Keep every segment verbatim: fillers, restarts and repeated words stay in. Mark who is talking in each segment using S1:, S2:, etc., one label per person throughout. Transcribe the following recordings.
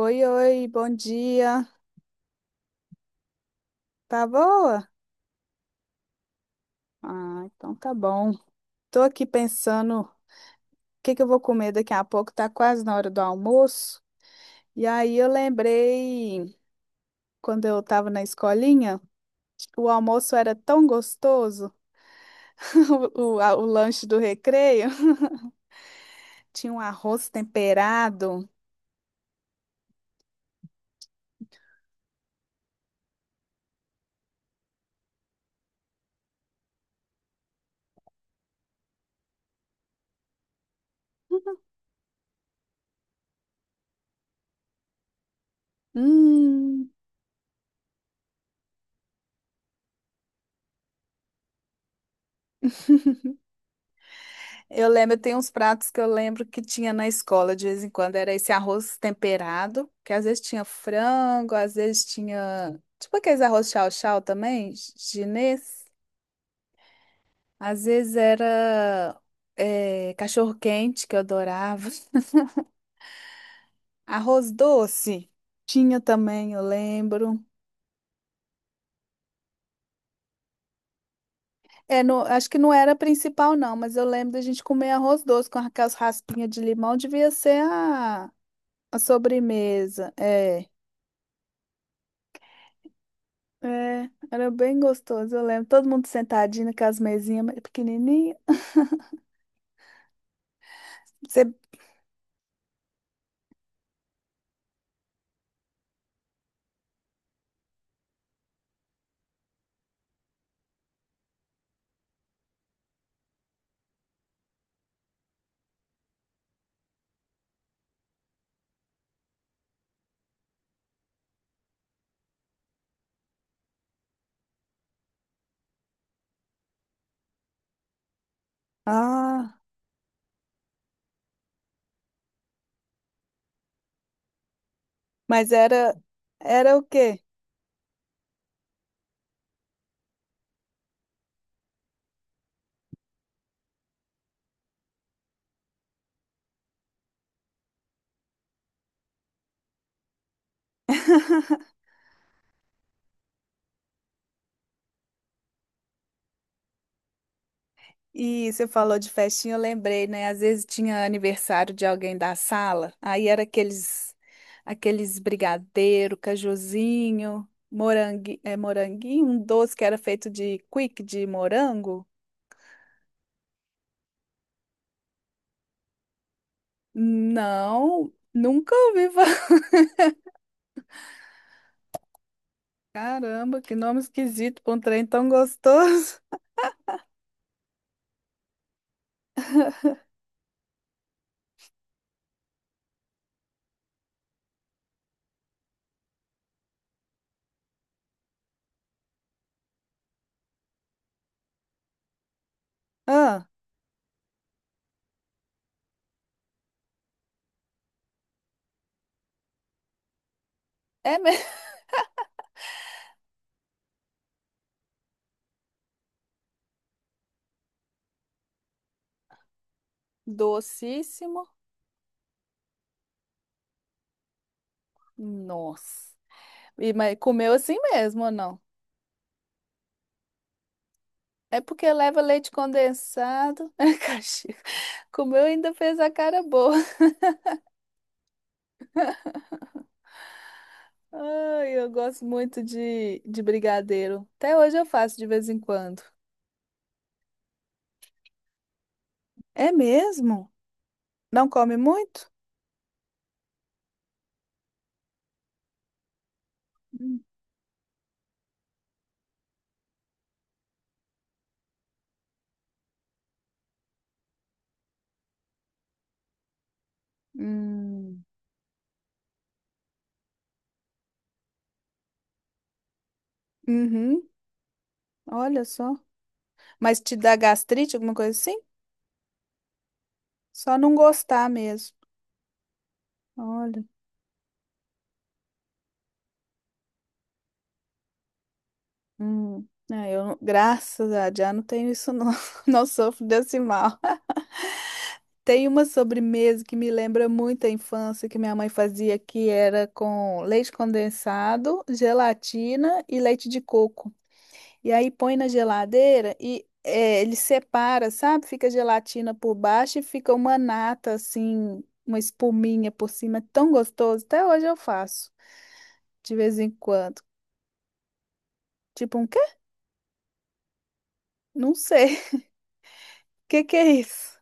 S1: Oi, oi, bom dia. Tá boa? Ah, então tá bom. Tô aqui pensando o que que eu vou comer daqui a pouco, tá quase na hora do almoço. E aí eu lembrei quando eu tava na escolinha, o almoço era tão gostoso, o, o, a- o lanche do recreio. Tinha um arroz temperado. Hum. Eu lembro, tem uns pratos que eu lembro que tinha na escola de vez em quando, era esse arroz temperado, que às vezes tinha frango, às vezes tinha, tipo aqueles arroz chau-chau também, chinês. Às vezes era eh, cachorro-quente, que eu adorava. Arroz doce, tinha também, eu lembro. É, no, acho que não era a principal não, mas eu lembro da gente comer arroz doce com aquelas raspinhas de limão, devia ser a, a sobremesa, é. É, era bem gostoso, eu lembro. Todo mundo sentadinho com as mesinhas pequenininhas. Você. Ah, mas era era o quê? E você falou de festinha, eu lembrei, né? Às vezes tinha aniversário de alguém da sala, aí era aqueles aqueles brigadeiro, cajuzinho, morangue, é moranguinho, um doce que era feito de quick de morango. Não, nunca ouvi falar. Caramba, que nome esquisito para um trem tão gostoso. Ah, é mesmo? Docíssimo? Nossa. E, mas comeu assim mesmo ou não? É porque leva leite condensado. Caxias. Comeu e ainda fez a cara boa. Ai, eu gosto muito de, de brigadeiro. Até hoje eu faço de vez em quando. É mesmo? Não come muito? Hum. Hum. Uhum. Olha só. Mas te dá gastrite, alguma coisa assim? Só não gostar mesmo. Olha. Hum, é, eu, não- graças a Deus, não tenho isso não, não sofro desse mal. Tem uma sobremesa que me lembra muito a infância que minha mãe fazia, que era com leite condensado, gelatina e leite de coco. E aí põe na geladeira e é, ele separa, sabe? Fica gelatina por baixo e fica uma nata assim, uma espuminha por cima. É tão gostoso, até hoje eu faço, de vez em quando. Tipo um quê? Não sei. O que que é isso?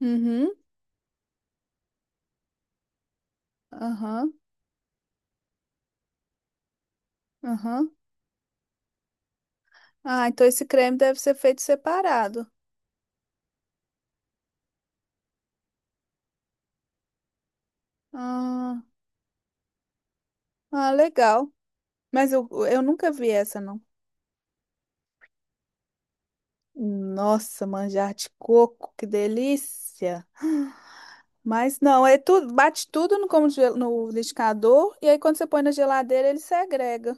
S1: Uhum. Aham, aham. Ah, então esse creme deve ser feito separado. Ah, ah, legal. Mas eu, eu nunca vi essa, não. Nossa, manjar de coco, que delícia. Mas não, é tudo, bate tudo no, como gel- no liquidificador e aí quando você põe na geladeira ele segrega.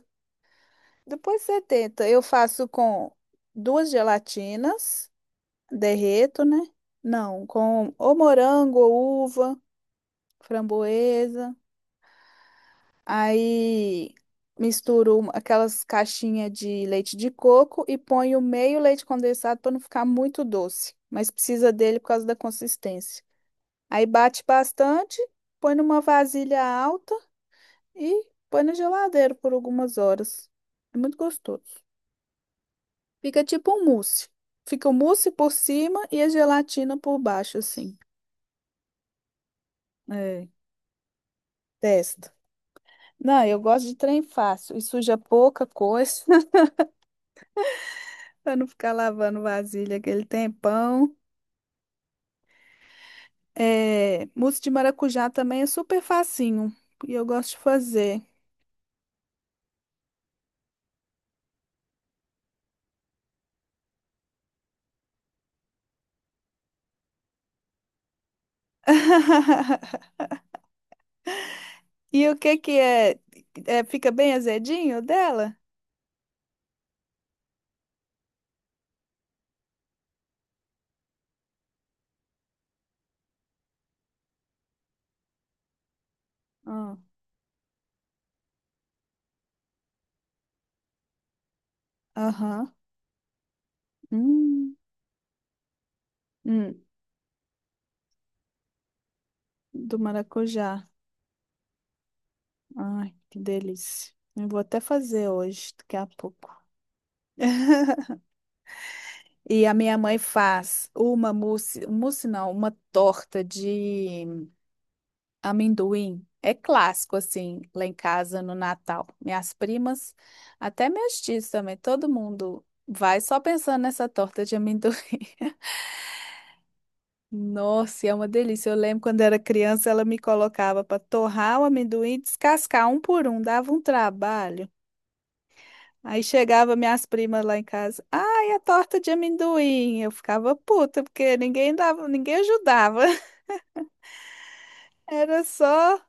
S1: Depois você tenta. Eu faço com duas gelatinas, derreto, né? Não, com ou morango, ou uva, framboesa. Aí misturo uma- aquelas caixinhas de leite de coco e ponho meio leite condensado para não ficar muito doce, mas precisa dele por causa da consistência. Aí bate bastante, põe numa vasilha alta e põe na geladeira por algumas horas. É muito gostoso. Fica tipo um mousse. Fica o mousse por cima e a gelatina por baixo, assim. É, testa. Não, eu gosto de trem fácil e suja pouca coisa. Pra não ficar lavando vasilha aquele tempão. É, mousse de maracujá também é super facinho. E eu gosto de fazer. E o que que é? É, fica bem azedinho o dela? Ah, aham. Hum, hum, do maracujá. Ai, que delícia. Eu vou até fazer hoje, daqui a pouco. E a minha mãe faz uma mousse, mousse não, uma torta de amendoim é clássico, assim, lá em casa no Natal. Minhas primas, até meus tios também, todo mundo vai só pensando nessa torta de amendoim. Nossa, e é uma delícia. Eu lembro quando era criança, ela me colocava para torrar o amendoim e descascar um por um, dava um trabalho. Aí chegava minhas primas lá em casa, ai, a torta de amendoim. Eu ficava puta, porque ninguém dava, ninguém ajudava. Era só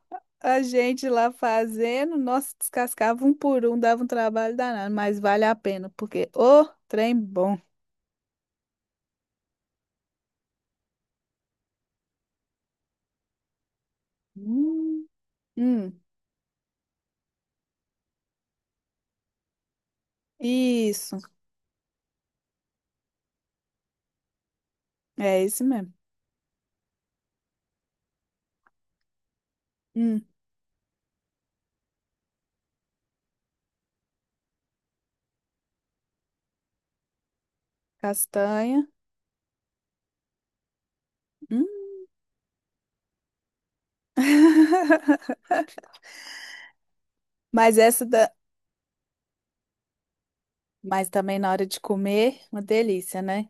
S1: a gente lá fazendo, nossa, descascava um por um, dava um trabalho danado, mas vale a pena, porque o trem bom. Hum, Hum, isso, é isso mesmo. Hum, castanha. Hum. Mas essa da. Mas também na hora de comer, uma delícia, né?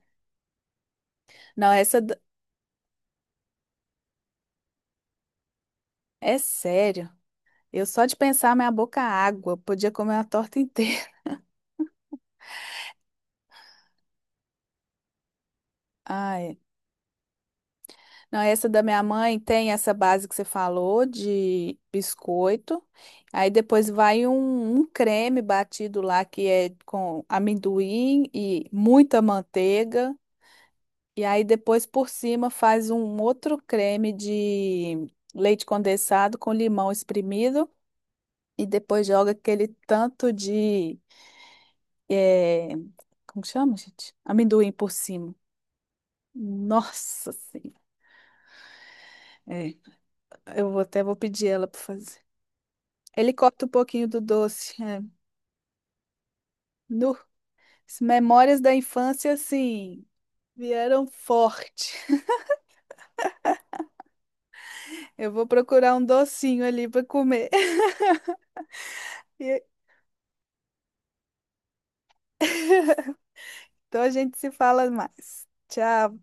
S1: Não, essa da- é sério. Eu só de pensar, minha boca água. Podia comer uma torta inteira. Ai. Não, essa da minha mãe tem essa base que você falou de biscoito. Aí depois vai um, um creme batido lá que é com amendoim e muita manteiga. E aí depois por cima faz um outro creme de leite condensado com limão espremido. E depois joga aquele tanto de. eh, Como que chama, gente? Amendoim por cima. Nossa Senhora. É, eu vou- até vou pedir ela para fazer. Ele corta um pouquinho do doce. É. Nu. As memórias da infância, assim, vieram forte. Eu vou procurar um docinho ali para comer. E- Então a gente se fala mais. Tchau.